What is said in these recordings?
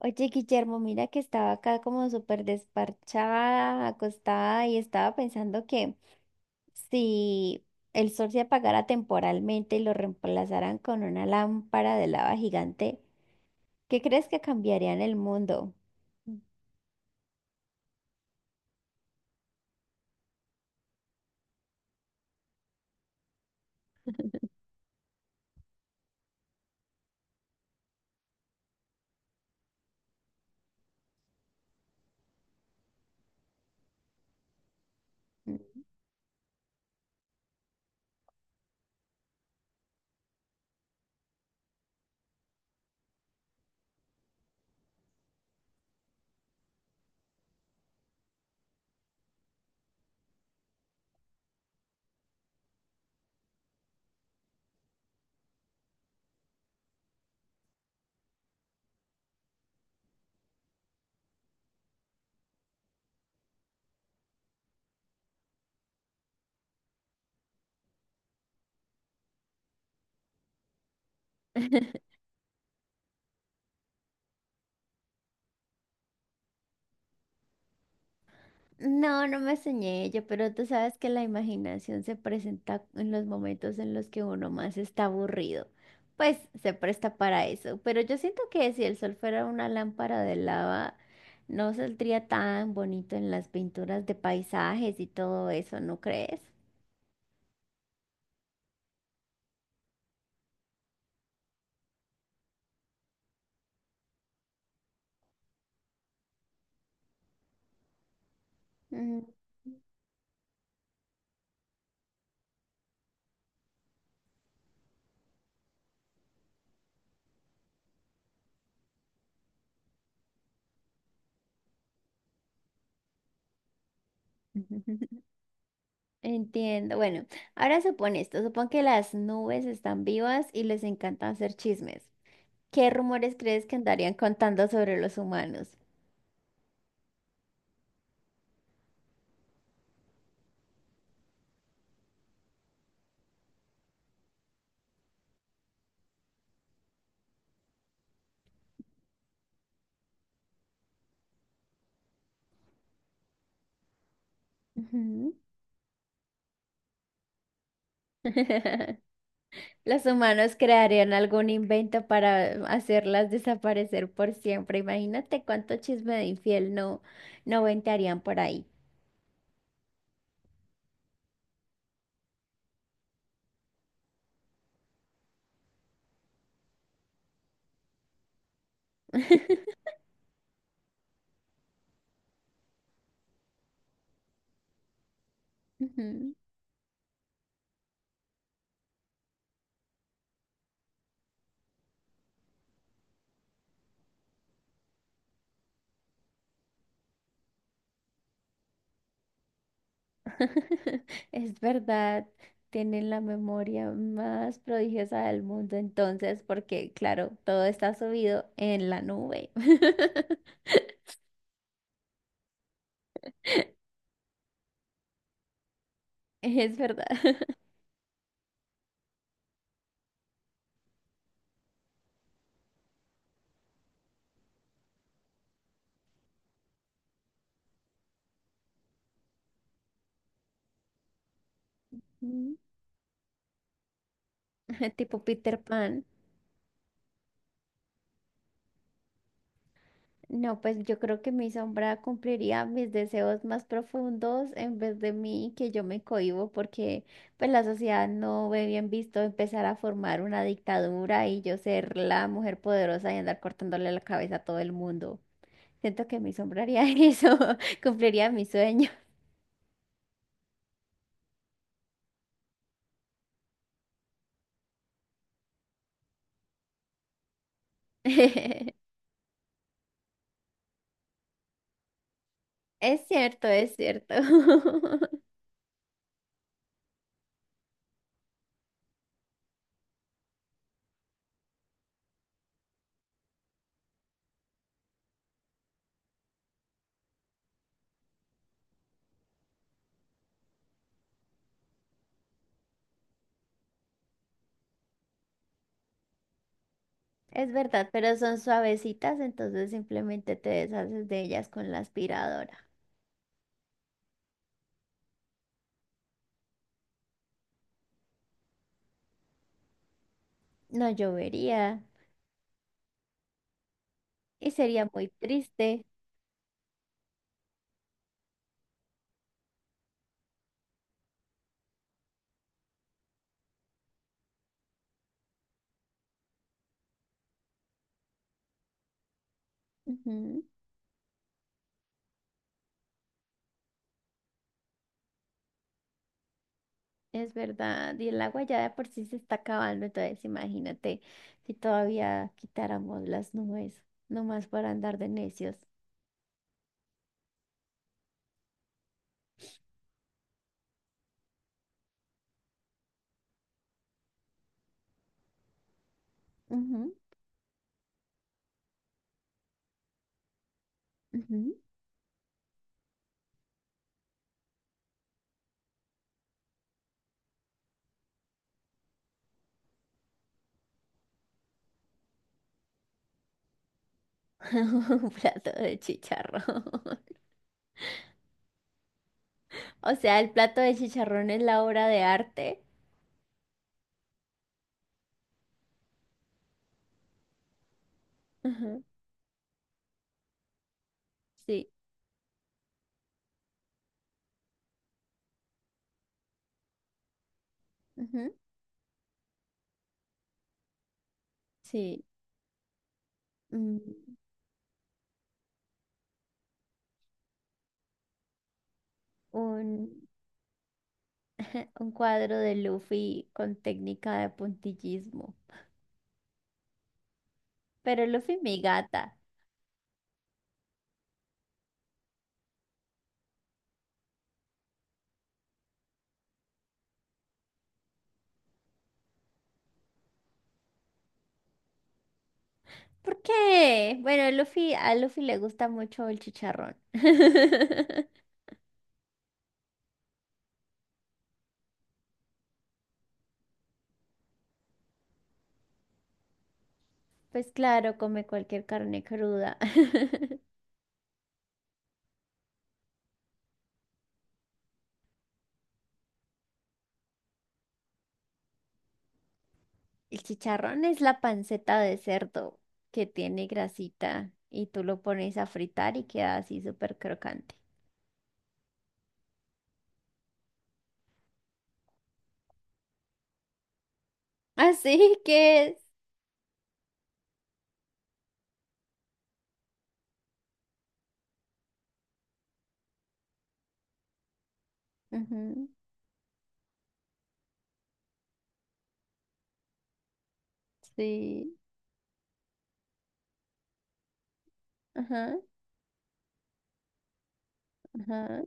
Oye, Guillermo, mira que estaba acá como súper desparchada, acostada y estaba pensando que si el sol se apagara temporalmente y lo reemplazaran con una lámpara de lava gigante, ¿qué crees que cambiaría en el mundo? No, no me soñé ello, pero tú sabes que la imaginación se presenta en los momentos en los que uno más está aburrido. Pues se presta para eso. Pero yo siento que si el sol fuera una lámpara de lava, no saldría tan bonito en las pinturas de paisajes y todo eso, ¿no crees? Mm. Entiendo. Bueno, ahora supone esto, supón que las nubes están vivas y les encanta hacer chismes. ¿Qué rumores crees que andarían contando sobre los humanos? Ujú. Los humanos crearían algún invento para hacerlas desaparecer por siempre. Imagínate cuánto chisme de infiel no, no ventarían por ahí. Ujú. Es verdad, tienen la memoria más prodigiosa del mundo entonces, porque claro, todo está subido en la nube. Es verdad. Mm. Tipo Peter Pan. No, pues yo creo que mi sombra cumpliría mis deseos más profundos en vez de mí, que yo me cohíbo, porque pues la sociedad no ve bien visto empezar a formar una dictadura y yo ser la mujer poderosa y andar cortándole la cabeza a todo el mundo. Siento que mi sombra haría eso, cumpliría mi sueño. Es cierto, es cierto. Es verdad, pero son suavecitas, entonces simplemente te deshaces de ellas con la aspiradora. No llovería. Y sería muy triste. Ujú. Es verdad. Y el agua ya de por sí se está acabando. Entonces, imagínate si todavía quitáramos las nubes, nomás para andar de necios. Ujú, ujú. Un plato de chicharrón. O sea, el plato de chicharrón es la obra de arte. Ujú. Sí. Ujú. Sí. Mm. Un, un cuadro de Luffy con técnica de puntillismo. Pero Luffy, mi gata. ¿Por qué? Bueno, Luffy, a Luffy le gusta mucho el chicharrón. Pues claro, come cualquier carne cruda. El chicharrón es la panceta de cerdo que tiene grasita y tú lo pones a fritar y queda así súper crocante. Así que es. Ujú. Sí. Ajá, ajá.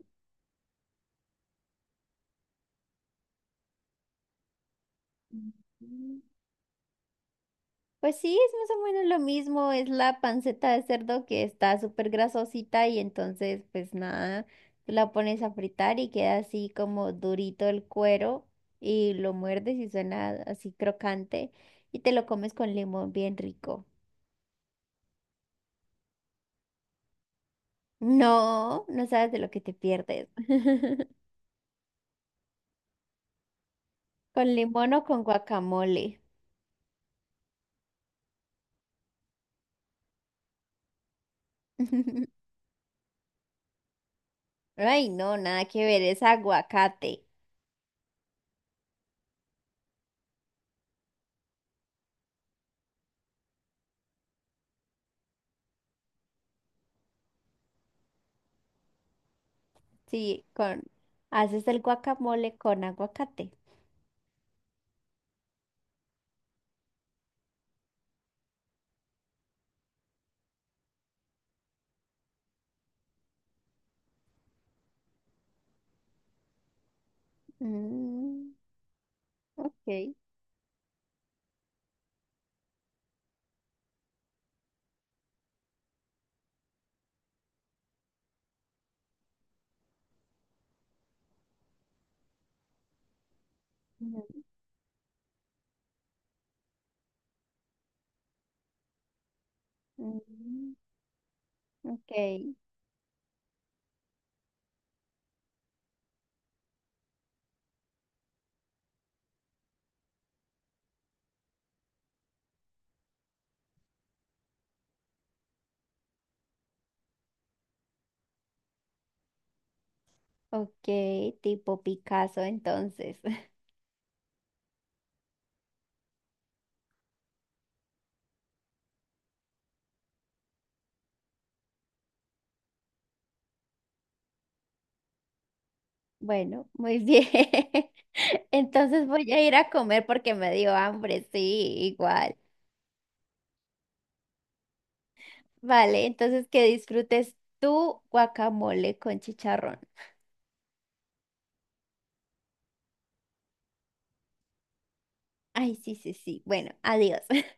Pues sí, es más o menos lo mismo, es la panceta de cerdo que está súper grasosita y entonces pues nada, tú la pones a fritar y queda así como durito el cuero y lo muerdes y suena así crocante y te lo comes con limón bien rico. No, no sabes de lo que te pierdes. Con limón o con guacamole. Ay, no, nada que ver, es aguacate. Sí, con... Haces el guacamole con aguacate. Mm. Ok. Mm, mm. Ok, ok, tipo Picasso entonces. Bueno, muy bien. Entonces voy a ir a comer porque me dio hambre, sí, igual. Vale, entonces que disfrutes tu guacamole con chicharrón. Ay, sí, sí, sí. Bueno, adiós.